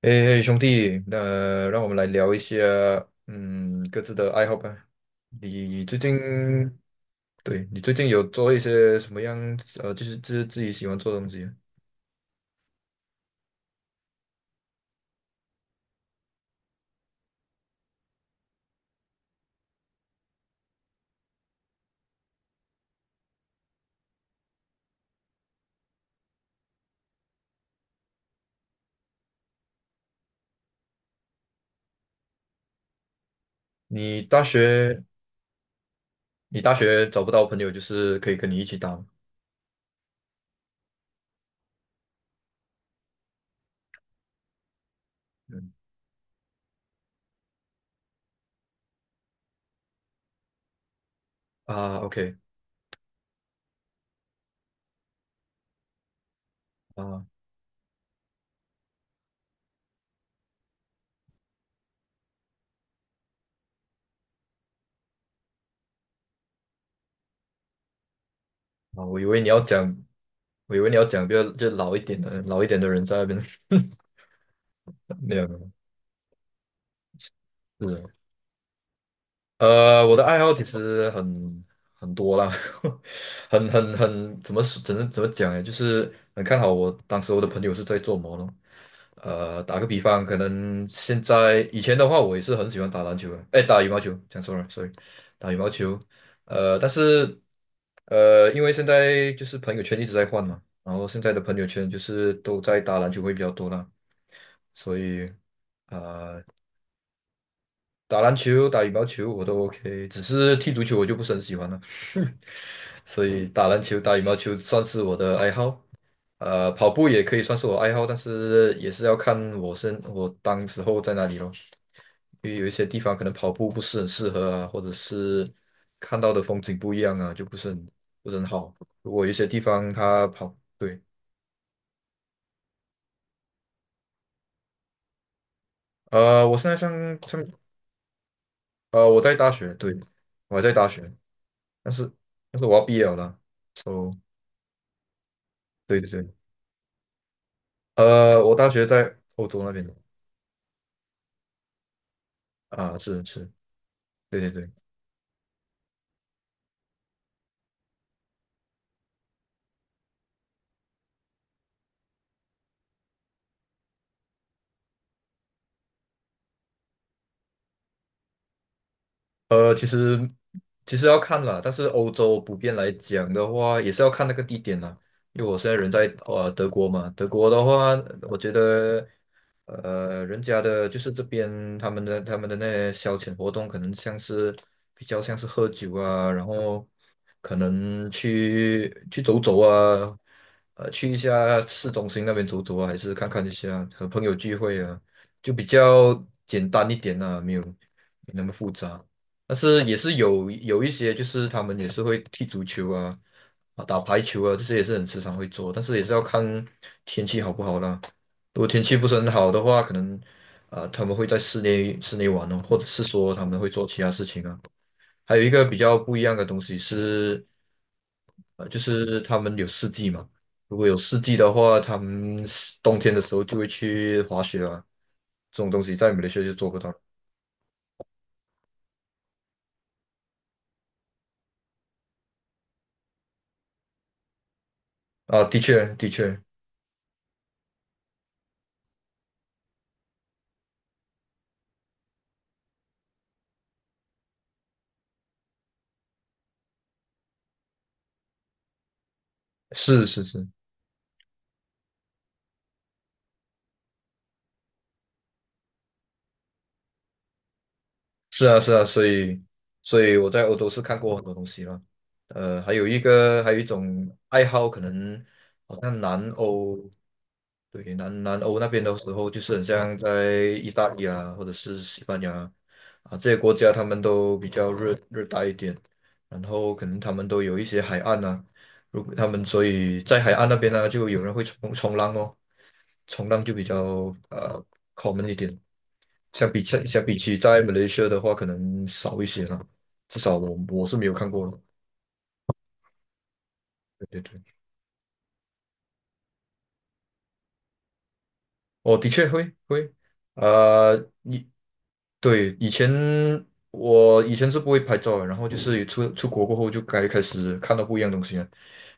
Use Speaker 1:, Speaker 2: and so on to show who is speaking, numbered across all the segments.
Speaker 1: 诶，兄弟，那、让我们来聊一下，各自的爱好吧。你最近，对，你最近有做一些什么样，就是自己喜欢做的东西啊。你大学，你大学找不到朋友，就是可以跟你一起打吗？嗯啊，OK，啊啊，我以为你要讲比较就老一点的，老一点的人在那边。没有没有，是，我的爱好其实很多啦。很很很怎么说怎么怎么讲呢？就是很看好我当时的朋友是在做什咯。打个比方，可能以前的话，我也是很喜欢打篮球的，哎，打羽毛球，讲错了，sorry，打羽毛球。但是因为现在就是朋友圈一直在换嘛，然后现在的朋友圈就是都在打篮球会比较多啦，所以。呃。打篮球、打羽毛球我都 OK，只是踢足球我就不是很喜欢了。所以打篮球、打羽毛球算是我的爱好。跑步也可以算是我爱好，但是也是要看我当时候在哪里咯，因为有一些地方可能跑步不是很适合啊，或者是看到的风景不一样啊，就不是很好。如果有一些地方他跑，对，我现在上上呃我在大学，对，我还在大学，但是我要毕业了啦，so。对对对，我大学在欧洲那边的啊，是是，对对对。呃，其实其实要看啦，但是欧洲普遍来讲的话，也是要看那个地点啦。因为我现在人在德国嘛，德国的话，我觉得人家的就是这边他们的那些消遣活动，可能比较像是喝酒啊，然后可能走走啊，去一下市中心那边走走啊，还是看看一下和朋友聚会啊，就比较简单一点啊，没那么复杂。但是也是有一些，就是他们也是会踢足球啊，啊打排球啊，这些也是很时常会做，但是也是要看天气好不好啦。如果天气不是很好的话，可能他们会在室内玩哦，或者是说他们会做其他事情啊。还有一个比较不一样的东西是，就是他们有四季嘛。如果有四季的话，他们是冬天的时候就会去滑雪啊，这种东西在马来西亚就做不到。啊，的确，的确，是是是，是啊，是啊，所以我在欧洲是看过很多东西了。还有一种爱好，可能好像南欧。对，南欧那边的时候，就是很像在意大利啊，或者是西班牙啊这些国家，他们都比较热带一点，然后可能他们都有一些海岸啊，如果所以在海岸那边呢、就有人会冲浪哦。冲浪就比较common 一点。相比起在马来西亚的话，可能少一些啦。至少我是没有看过了。对对对，哦，的确会，啊，以对，我以前是不会拍照的，然后就是出国过后就该开始看到不一样的东西了，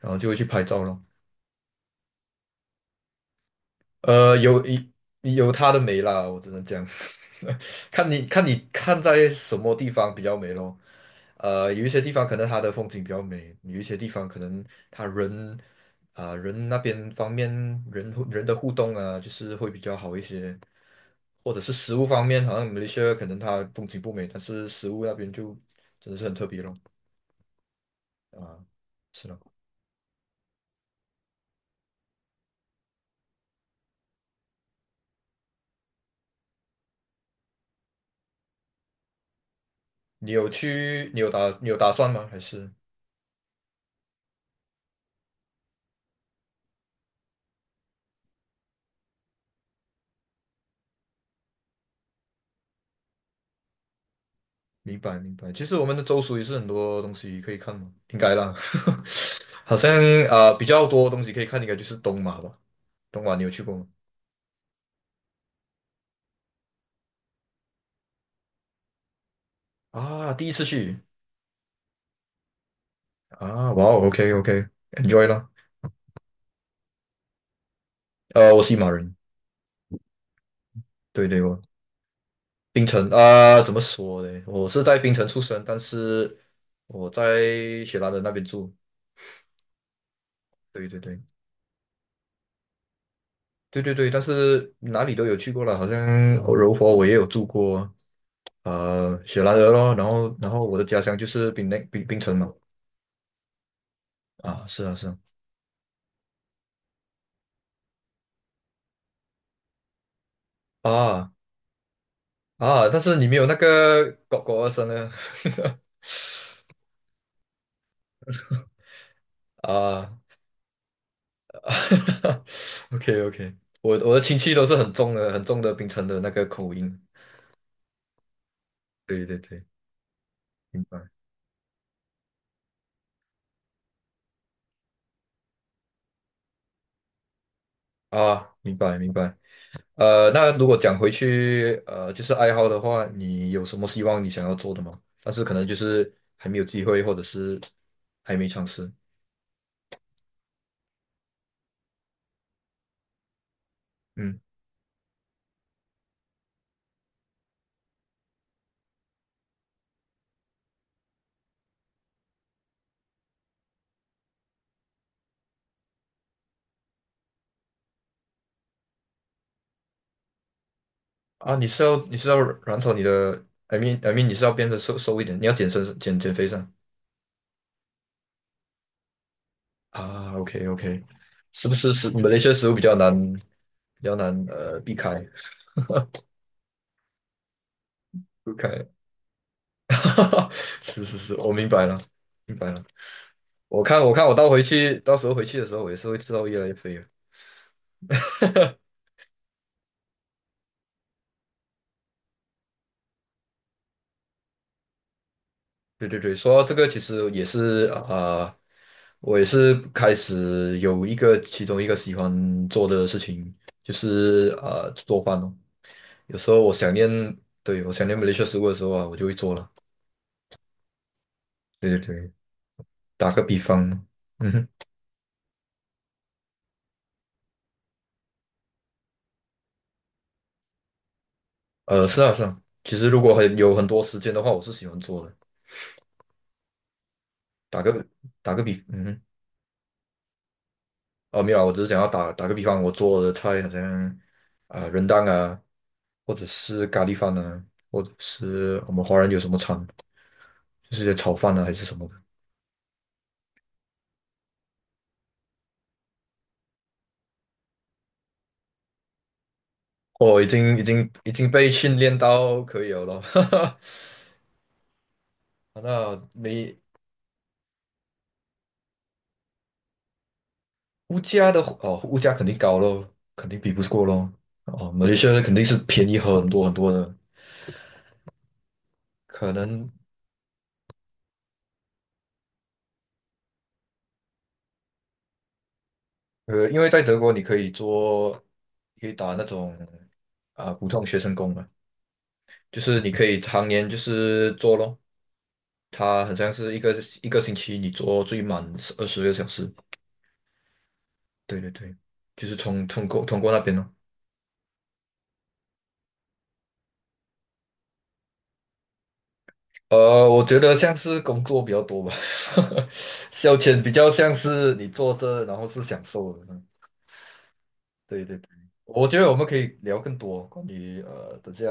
Speaker 1: 然后就会去拍照了。呃，有有它的美啦，我只能讲。看你看在什么地方比较美咯。有一些地方可能它的风景比较美，有一些地方可能它人啊、人那边方面人互人的互动啊，就是会比较好一些，或者是食物方面，好像马来西亚可能它风景不美，但是食物那边就真的是很特别咯。啊、是咯，你有打算吗？还是？明白明白。其实我们的州属也是很多东西可以看嘛，应该啦。好像比较多东西可以看，应该就是东马吧。东马你有去过吗？啊，第一次去啊，哇 OK，enjoy 啦。我是马人，对对，我槟城啊、怎么说呢？我是在槟城出生，但是我在雪兰莪那边住。对对对。对对对，但是哪里都有去过了，好像柔佛我也有住过，雪兰莪咯，然后我的家乡就是槟榔槟槟城嘛。啊，是啊是啊，啊啊，但是你没有那个狗狗的声呢。啊 ，OK OK，我的亲戚都是很重的很重的槟城的那个口音，对对对，明白啊，明白明白。那如果讲回去，就是爱好的话，你有什么希望你想要做的吗？但是可能就是还没有机会，或者是还没尝试。嗯啊，你是要软草你的，I mean 你是要变得瘦瘦一点，你要减身减减肥上啊？OK OK，是不是食马来西亚食物比较难避开避开？是是是，我明白了明白了。我看我到时候回去的时候，我也是会吃到越来越肥的。对对对，说到这个，其实也是我也是开始有其中一个喜欢做的事情，就是做饭哦。有时候我想念，对，我想念马来西亚食物的时候啊，我就会做了。对对对，打个比方，嗯哼，是啊是啊，其实如果有很多时间的话，我是喜欢做的。打个打个比，嗯哼，哦没有啊我只是想要打个比方，我做的菜好像啊、呃、r 啊。或者是咖喱饭啊，或者是我们华人有什么餐，就是一些炒饭啊还是什么的。哦，已经被训练到可以了咯。哈哈。那你物价的哦，物价肯定高咯，肯定比不过咯。哦，马来西亚肯定是便宜很多很多的。可能因为在德国你可以做，可以打那种普通学生工嘛，就是你可以常年就是做咯，他好像是一个星期你做最满20个小时，对对对，就是从通过那边咯。我觉得像是工作比较多吧。消遣比较像是你坐着，然后是享受的。嗯对对对，我觉得我们可以聊更多关于等下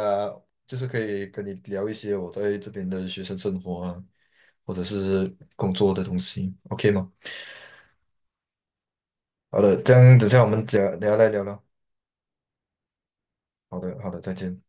Speaker 1: 就是可以跟你聊一些我在这边的学生生活啊，或者是工作的东西，OK 吗？好的，这样等下我们聊聊来聊聊。好的，好的，再见。